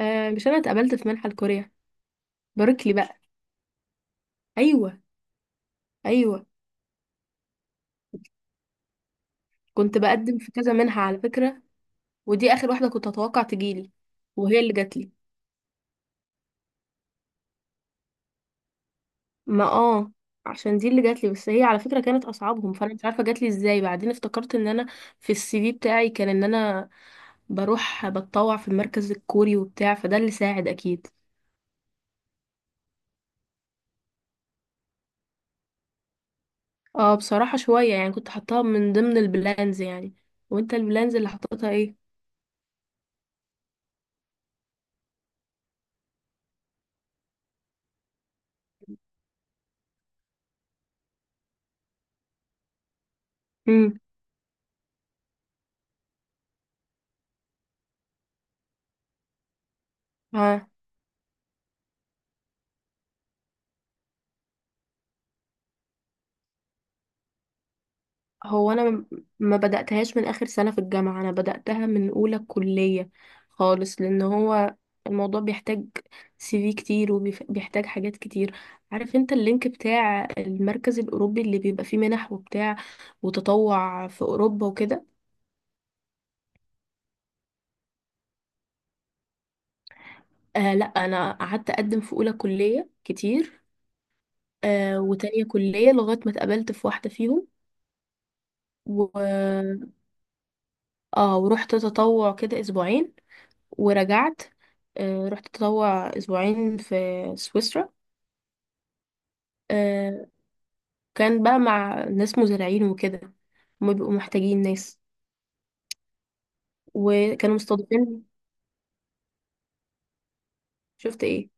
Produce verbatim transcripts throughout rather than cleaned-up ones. آه، مش انا اتقبلت في منحة لكوريا. باركلي بقى. ايوه، ايوه. كنت بقدم في كذا منحة على فكرة، ودي اخر واحدة كنت اتوقع تجيلي وهي اللي جاتلي. ما اه عشان دي اللي جاتلي، بس هي على فكرة كانت اصعبهم، فانا مش عارفة جاتلي ازاي. بعدين افتكرت ان انا في السي في بتاعي كان ان انا بروح بتطوع في المركز الكوري وبتاع، فده اللي ساعد اكيد. اه بصراحة شوية يعني، كنت حطاها من ضمن البلانز يعني. وانت البلانز اللي حطيتها ايه؟ امم. هو انا م- ما بدأتهاش من اخر سنة في الجامعة، انا بدأتها من اولى كلية خالص، لان هو الموضوع بيحتاج سي في كتير وبيحتاج حاجات كتير. عارف انت اللينك بتاع المركز الاوروبي اللي بيبقى فيه منح وبتاع، وتطوع في اوروبا وكده. آه لا، انا قعدت اقدم في اولى كلية كتير، آه وتانية كلية، لغاية ما اتقبلت في واحدة فيهم و... اه، ورحت تطوع كده اسبوعين ورجعت. آه، رحت اتطوع اسبوعين في سويسرا. آه، كان بقى مع ناس مزارعين وكده، هما بيبقوا محتاجين ناس وكانوا مستضيفين. شفت ايه؟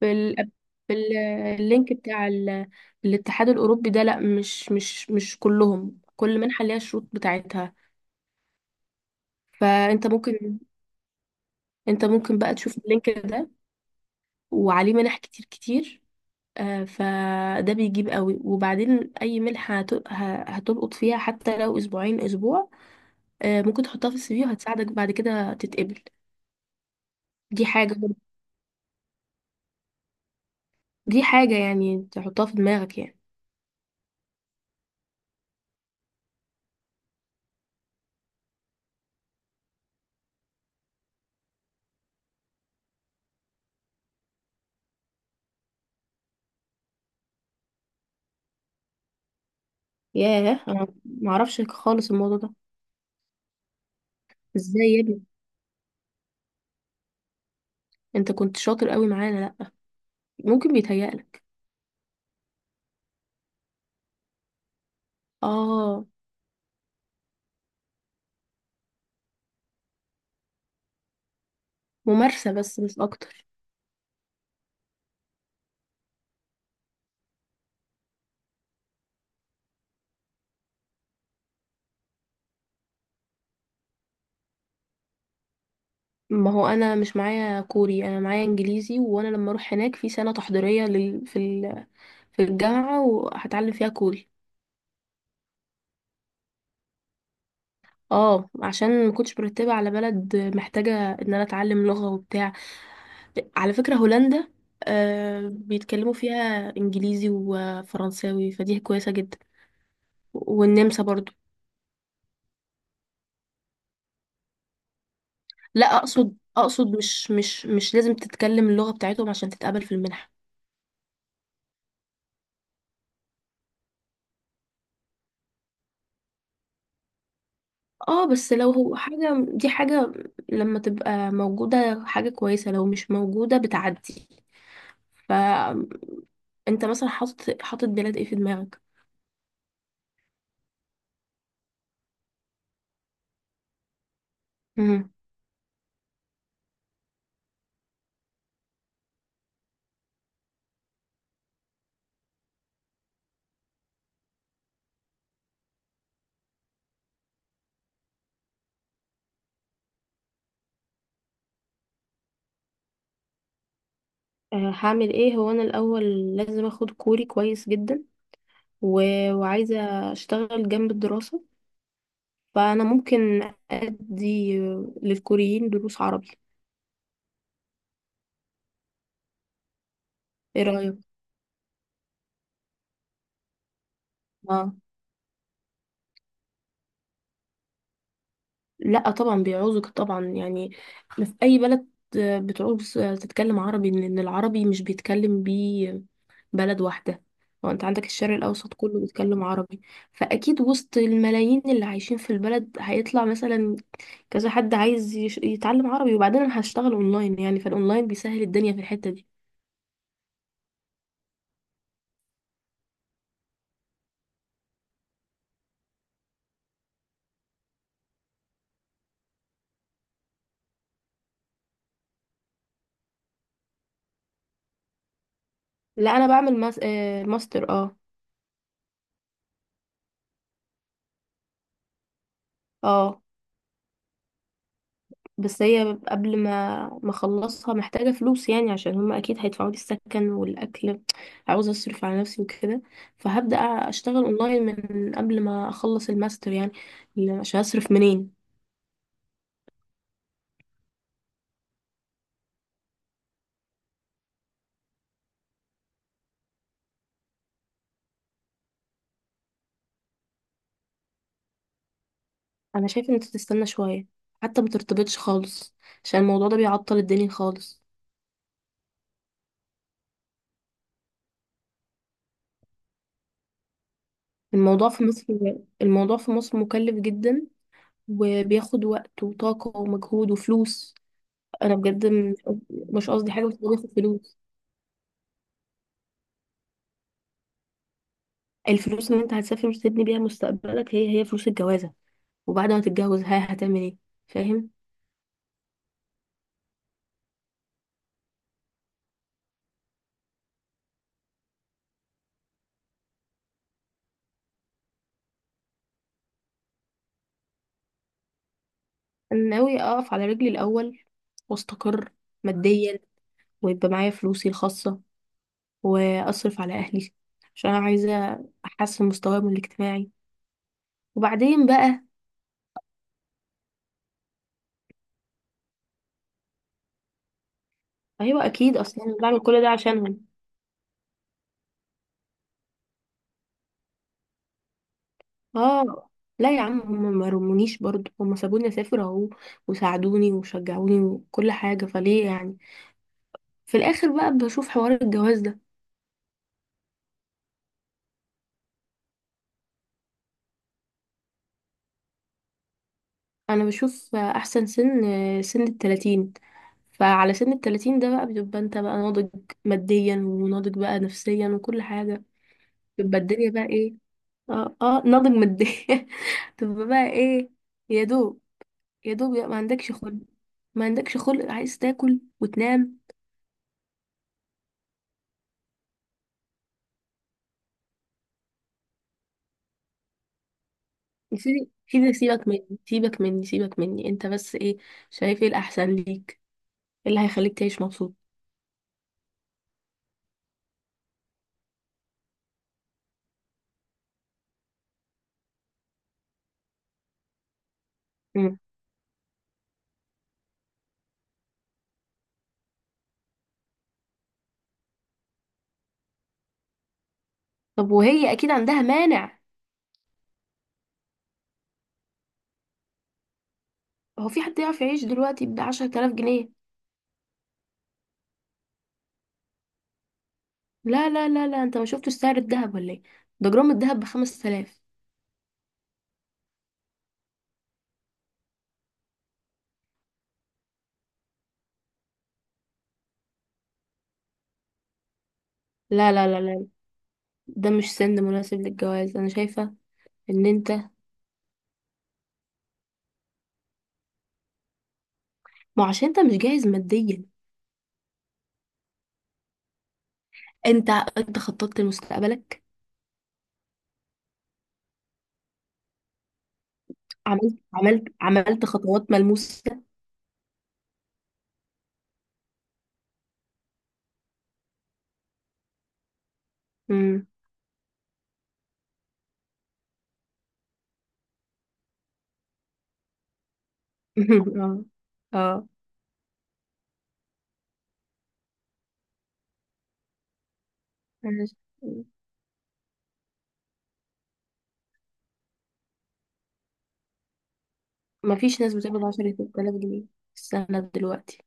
في ال... في ال- اللينك بتاع ال... الاتحاد الاوروبي ده، لا، مش مش مش كلهم، كل منحه ليها الشروط بتاعتها. فانت ممكن انت ممكن بقى تشوف اللينك ده، وعليه منح كتير كتير. آه، فده بيجيب قوي، وبعدين اي ملح هت- ه- هتلقط فيها حتى لو اسبوعين، اسبوع. آه، ممكن تحطها في السي في وهتساعدك بعد كده تتقبل. دي حاجة دي حاجة يعني تحطها في دماغك يعني. ياه، انا معرفش خالص الموضوع ده. ازاي يا ابني؟ انت كنت شاطر قوي معانا، لا ممكن بيتهيألك. اه، ممارسة بس مش اكتر. ما هو انا مش معايا كوري، انا معايا انجليزي، وانا لما اروح هناك في سنة تحضيرية لل... في ال... في الجامعة وهتعلم فيها كوري. اه، عشان ما كنتش مرتبه على بلد محتاجه ان انا اتعلم لغه وبتاع. على فكره هولندا آه بيتكلموا فيها انجليزي وفرنساوي، فدي كويسه جدا. والنمسا برضو. لا اقصد، اقصد مش مش مش لازم تتكلم اللغه بتاعتهم عشان تتقبل في المنحه. اه بس لو هو حاجه، دي حاجه لما تبقى موجوده حاجه كويسه، لو مش موجوده بتعدي. فانت مثلا حاطط حاطط بلاد ايه في دماغك؟ آه، هعمل ايه. هو انا الاول لازم اخد كوري كويس جدا، و... وعايزه اشتغل جنب الدراسه، فانا ممكن ادي للكوريين دروس عربي. ايه رايك؟ اه لا طبعا بيعوزك طبعا يعني، في اي بلد آه، بتعوز آه، تتكلم عربي، لان العربي مش بيتكلم بيه بلد واحدة، وانت عندك الشرق الأوسط كله بيتكلم عربي. فأكيد وسط الملايين اللي عايشين في البلد هيطلع مثلا كذا حد عايز يش- يتعلم عربي. وبعدين أنا هشتغل أونلاين يعني، فالأونلاين بيسهل الدنيا في الحتة دي. لا أنا بعمل ماس... آه، ماستر. اه، اه بس هي قبل ما ما أخلصها محتاجة فلوس يعني، عشان هما أكيد هيدفعوا لي السكن والأكل. عاوزة أصرف على نفسي وكده، فهبدأ أشتغل أونلاين من قبل ما أخلص الماستر يعني، عشان أصرف منين. انا شايفه ان انت تستنى شويه، حتى ما ترتبطش خالص، عشان الموضوع ده بيعطل الدنيا خالص. الموضوع في مصر الموضوع في مصر مكلف جدا، وبياخد وقت وطاقه ومجهود وفلوس. انا بجد، م- مش قصدي حاجه، بس هو بياخد فلوس. الفلوس اللي انت هتسافر وتبني بيها مستقبلك، هي هي فلوس الجوازه، وبعد ما تتجوز ها هتعمل ايه؟ فاهم. انا ناوي اقف على رجلي الاول واستقر ماديا، ويبقى معايا فلوسي الخاصه، واصرف على اهلي، عشان انا عايزه احسن مستواهم الاجتماعي، وبعدين بقى. ايوه اكيد، اصلا أنا بعمل كل ده عشانهم. اه. لا يا عم، هم ما رمونيش برضه، هم سابوني اسافر اهو، وساعدوني وشجعوني وكل حاجه، فليه يعني. في الاخر بقى بشوف حوار الجواز ده. انا بشوف احسن سن سن التلاتين، فعلى سن التلاتين ده بقى بتبقى انت بقى ناضج ماديا، وناضج بقى نفسيا وكل حاجه، بتبقى الدنيا بقى ايه. اه اه ناضج ماديا تبقى بقى ايه؟ يا دوب، يا دوب يا- ما عندكش خلق. ما عندكش خلق، عايز تاكل وتنام. يا سيدي، سيدي سيبك مني، سيبك مني، سيبك مني. انت بس ايه شايف ايه الاحسن ليك، ايه اللي هيخليك تعيش مبسوط. مم. طب وهي اكيد عندها مانع. هو في حد يعرف يعيش دلوقتي ب عشرة آلاف جنيه؟ لا لا لا لا، انت ما شفتش سعر الذهب ولا ايه؟ ده جرام الذهب ب خمسة آلاف. لا لا لا لا، ده مش سن مناسب للجواز، انا شايفه ان انت، ما عشان انت مش جاهز ماديا. انت انت خططت لمستقبلك؟ عملت عملت عملت خطوات ملموسة؟ امم اه اه ماشي. مفيش ناس بتقبض عشرة آلاف جنيه في السنة دلوقتي.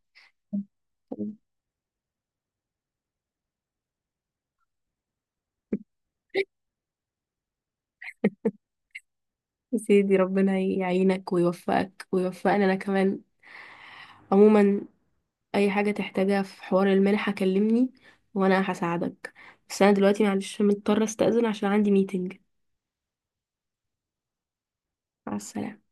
يا سيدي، ربنا يعينك ويوفقك ويوفقنا انا كمان. عموما اي حاجة تحتاجها في حوار المنحة كلمني وانا هساعدك. بس انا دلوقتي معلش مضطرة استأذن عشان عندي ميتنج. مع السلامة.